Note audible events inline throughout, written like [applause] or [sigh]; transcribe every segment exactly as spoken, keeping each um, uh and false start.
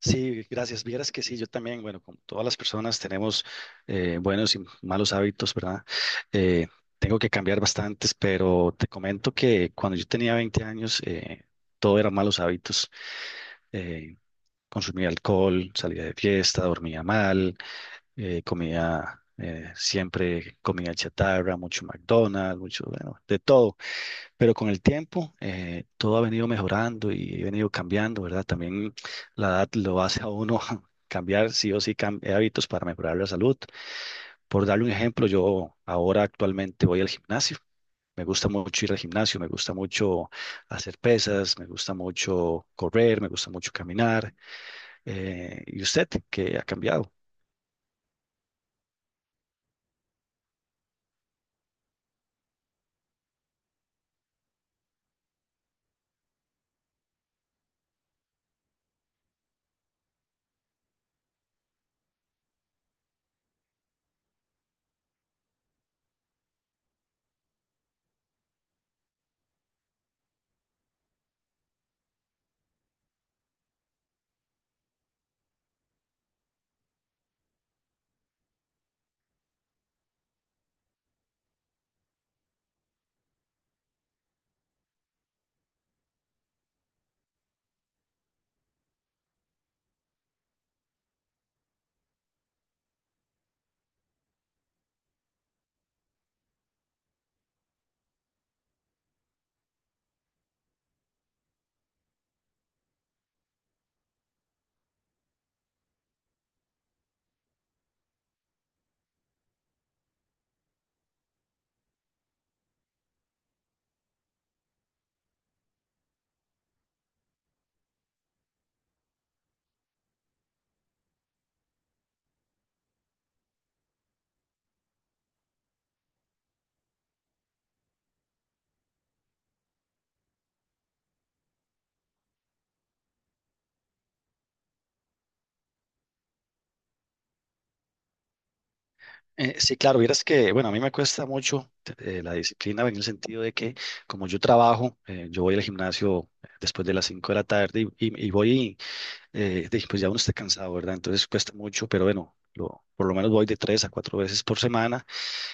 Sí, gracias. Vieras que sí, yo también, bueno, como todas las personas tenemos eh, buenos y malos hábitos, ¿verdad? Eh, Tengo que cambiar bastantes, pero te comento que cuando yo tenía veinte años, eh, todo eran malos hábitos. Eh, Consumía alcohol, salía de fiesta, dormía mal, eh, comía eh, siempre comida chatarra, mucho McDonald's, mucho, bueno, de todo. Pero con el tiempo, eh, todo ha venido mejorando y he venido cambiando, ¿verdad? También la edad lo hace a uno [laughs] cambiar sí o sí cam- eh, hábitos para mejorar la salud. Por darle un ejemplo, yo ahora actualmente voy al gimnasio. Me gusta mucho ir al gimnasio, me gusta mucho hacer pesas, me gusta mucho correr, me gusta mucho caminar. Eh, ¿y usted qué ha cambiado? Eh, sí, claro, vieras que, bueno, a mí me cuesta mucho eh, la disciplina en el sentido de que como yo trabajo, eh, yo voy al gimnasio después de las cinco de la tarde y, y- y voy eh, de- pues ya uno está cansado, ¿verdad? Entonces cuesta mucho, pero bueno, lo- por lo menos voy de tres a cuatro veces por semana.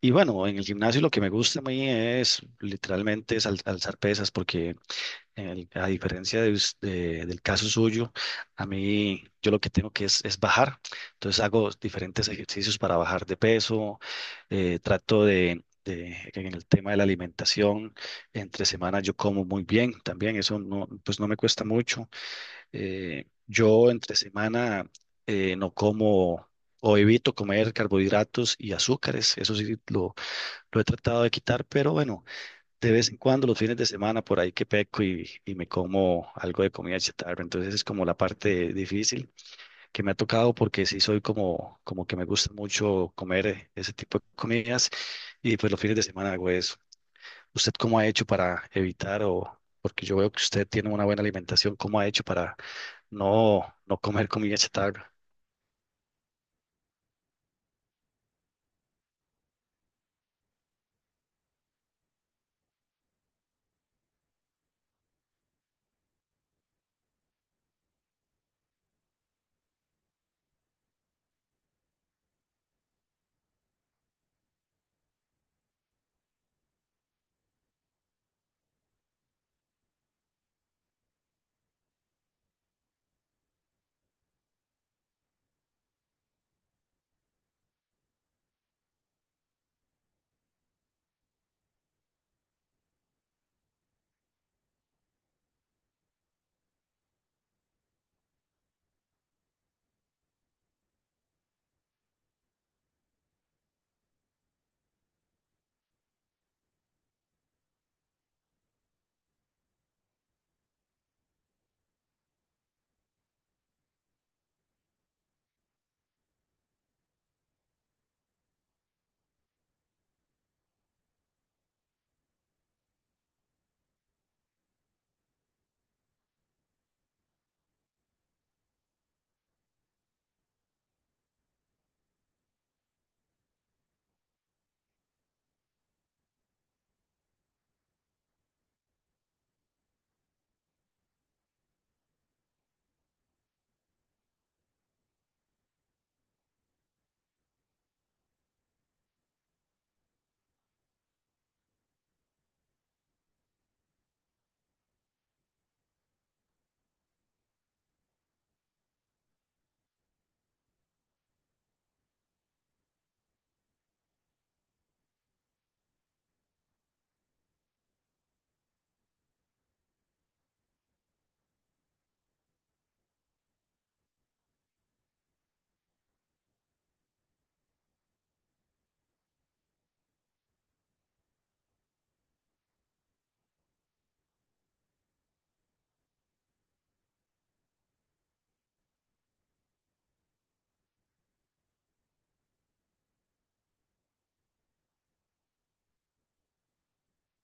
Y bueno, en el gimnasio lo que me gusta a mí es literalmente es al- alzar pesas, porque en el- a diferencia de us- de- del caso suyo, a mí yo lo que tengo que es, es bajar. Entonces hago diferentes ejercicios para bajar de peso, eh, trato de... de- en el tema de la alimentación, entre semana yo como muy bien también, eso no, pues no me cuesta mucho. Eh, yo entre semana eh, no como o evito comer carbohidratos y azúcares. Eso sí lo, lo he tratado de quitar, pero bueno, de vez en cuando los fines de semana por ahí que peco y, y me como algo de comida chatarra. Entonces es como la parte difícil que me ha tocado porque sí soy como, como que me gusta mucho comer eh, ese tipo de comidas y pues los fines de semana hago eso. ¿Usted cómo ha hecho para evitar o... Porque yo veo que usted tiene una buena alimentación. ¿Cómo ha hecho para, no, no comer comida chatarra?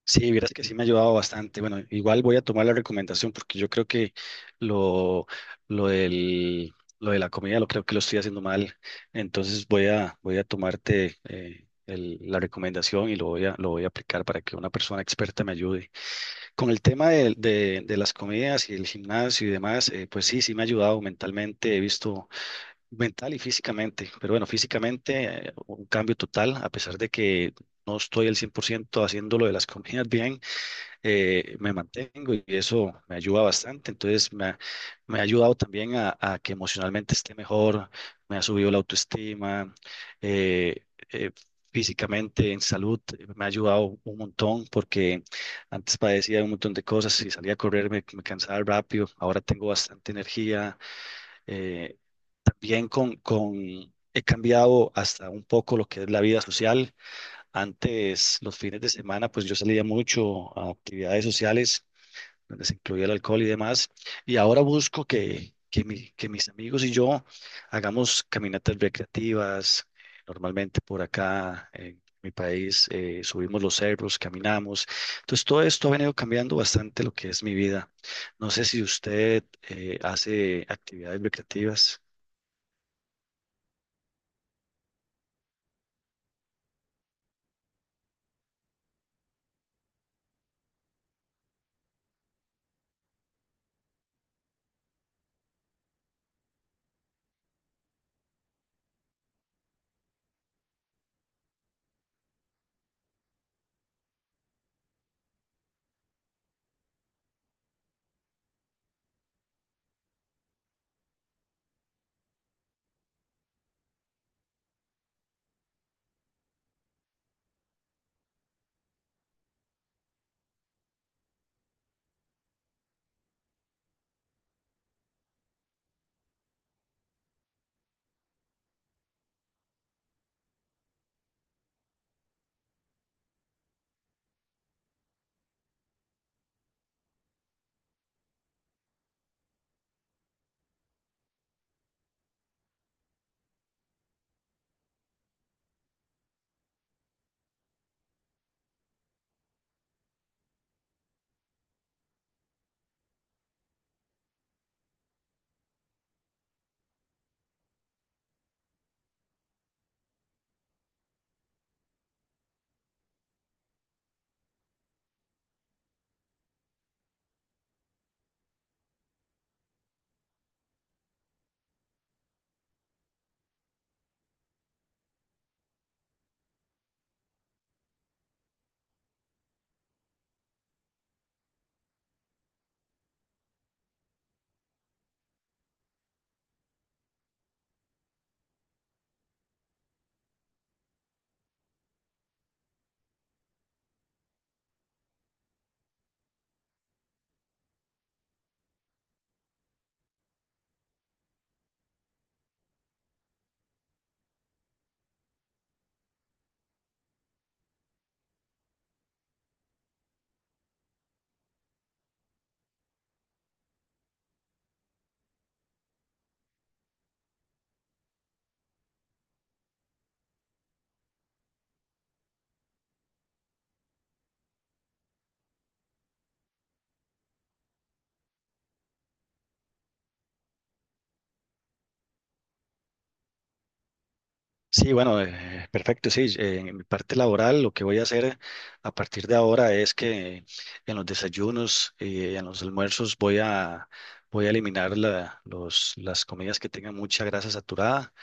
Sí, vieras que sí me ha ayudado bastante. Bueno, igual voy a tomar la recomendación porque yo creo que lo, lo del, lo de la comida lo creo que lo estoy haciendo mal. Entonces voy a, voy a tomarte eh, el- la recomendación y lo voy a, lo voy a aplicar para que una persona experta me ayude. Con el tema de, de- de las comidas y el gimnasio y demás, eh, pues sí, sí me ha ayudado mentalmente. He visto mental y físicamente, pero bueno, físicamente eh, un cambio total, a pesar de que no estoy al cien por ciento haciendo lo de las comidas [laughs] bien, eh, me mantengo y eso me ayuda bastante, entonces me ha, me ha ayudado también a, a que emocionalmente esté mejor, me ha subido la autoestima, eh, eh, físicamente en salud eh, me ha ayudado un montón porque antes padecía un montón de cosas y salía a correr, me, me cansaba rápido, ahora tengo bastante energía eh, también con, con, he cambiado hasta un poco lo que es la vida social. Antes, los fines de semana, pues yo salía mucho a actividades sociales, donde se incluía el alcohol y demás. Y ahora busco que, que, mi- que mis amigos y yo hagamos caminatas recreativas. Normalmente por acá en mi país eh, subimos los cerros, caminamos. Entonces, todo esto ha venido cambiando bastante lo que es mi vida. No sé si usted eh, hace actividades recreativas. Sí, bueno, eh, perfecto, sí. eh, En mi parte laboral, lo que voy a hacer a partir de ahora es que en los desayunos y en los almuerzos voy a, voy a eliminar la- los, las comidas que tengan mucha grasa saturada.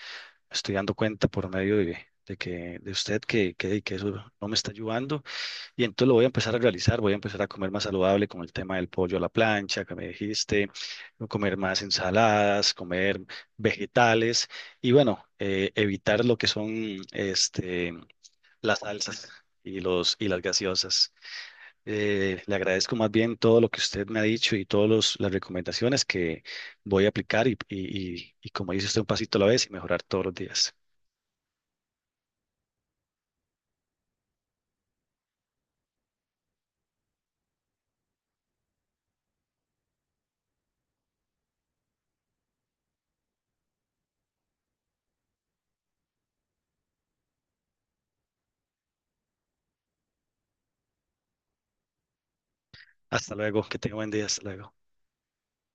Estoy dando cuenta por medio de, de que, de usted que, que, que eso no me está ayudando. Y entonces lo voy a empezar a realizar, voy a empezar a comer más saludable con el tema del pollo a la plancha que me dijiste, comer más ensaladas, comer vegetales y bueno, eh, evitar lo que son este, las salsas y, los, y las gaseosas. Eh, le agradezco más bien todo lo que usted me ha dicho y todas las recomendaciones que voy a aplicar y, y, y, y como dice usted, un pasito a la vez y mejorar todos los días. Hasta luego, que tenga buen día, hasta luego.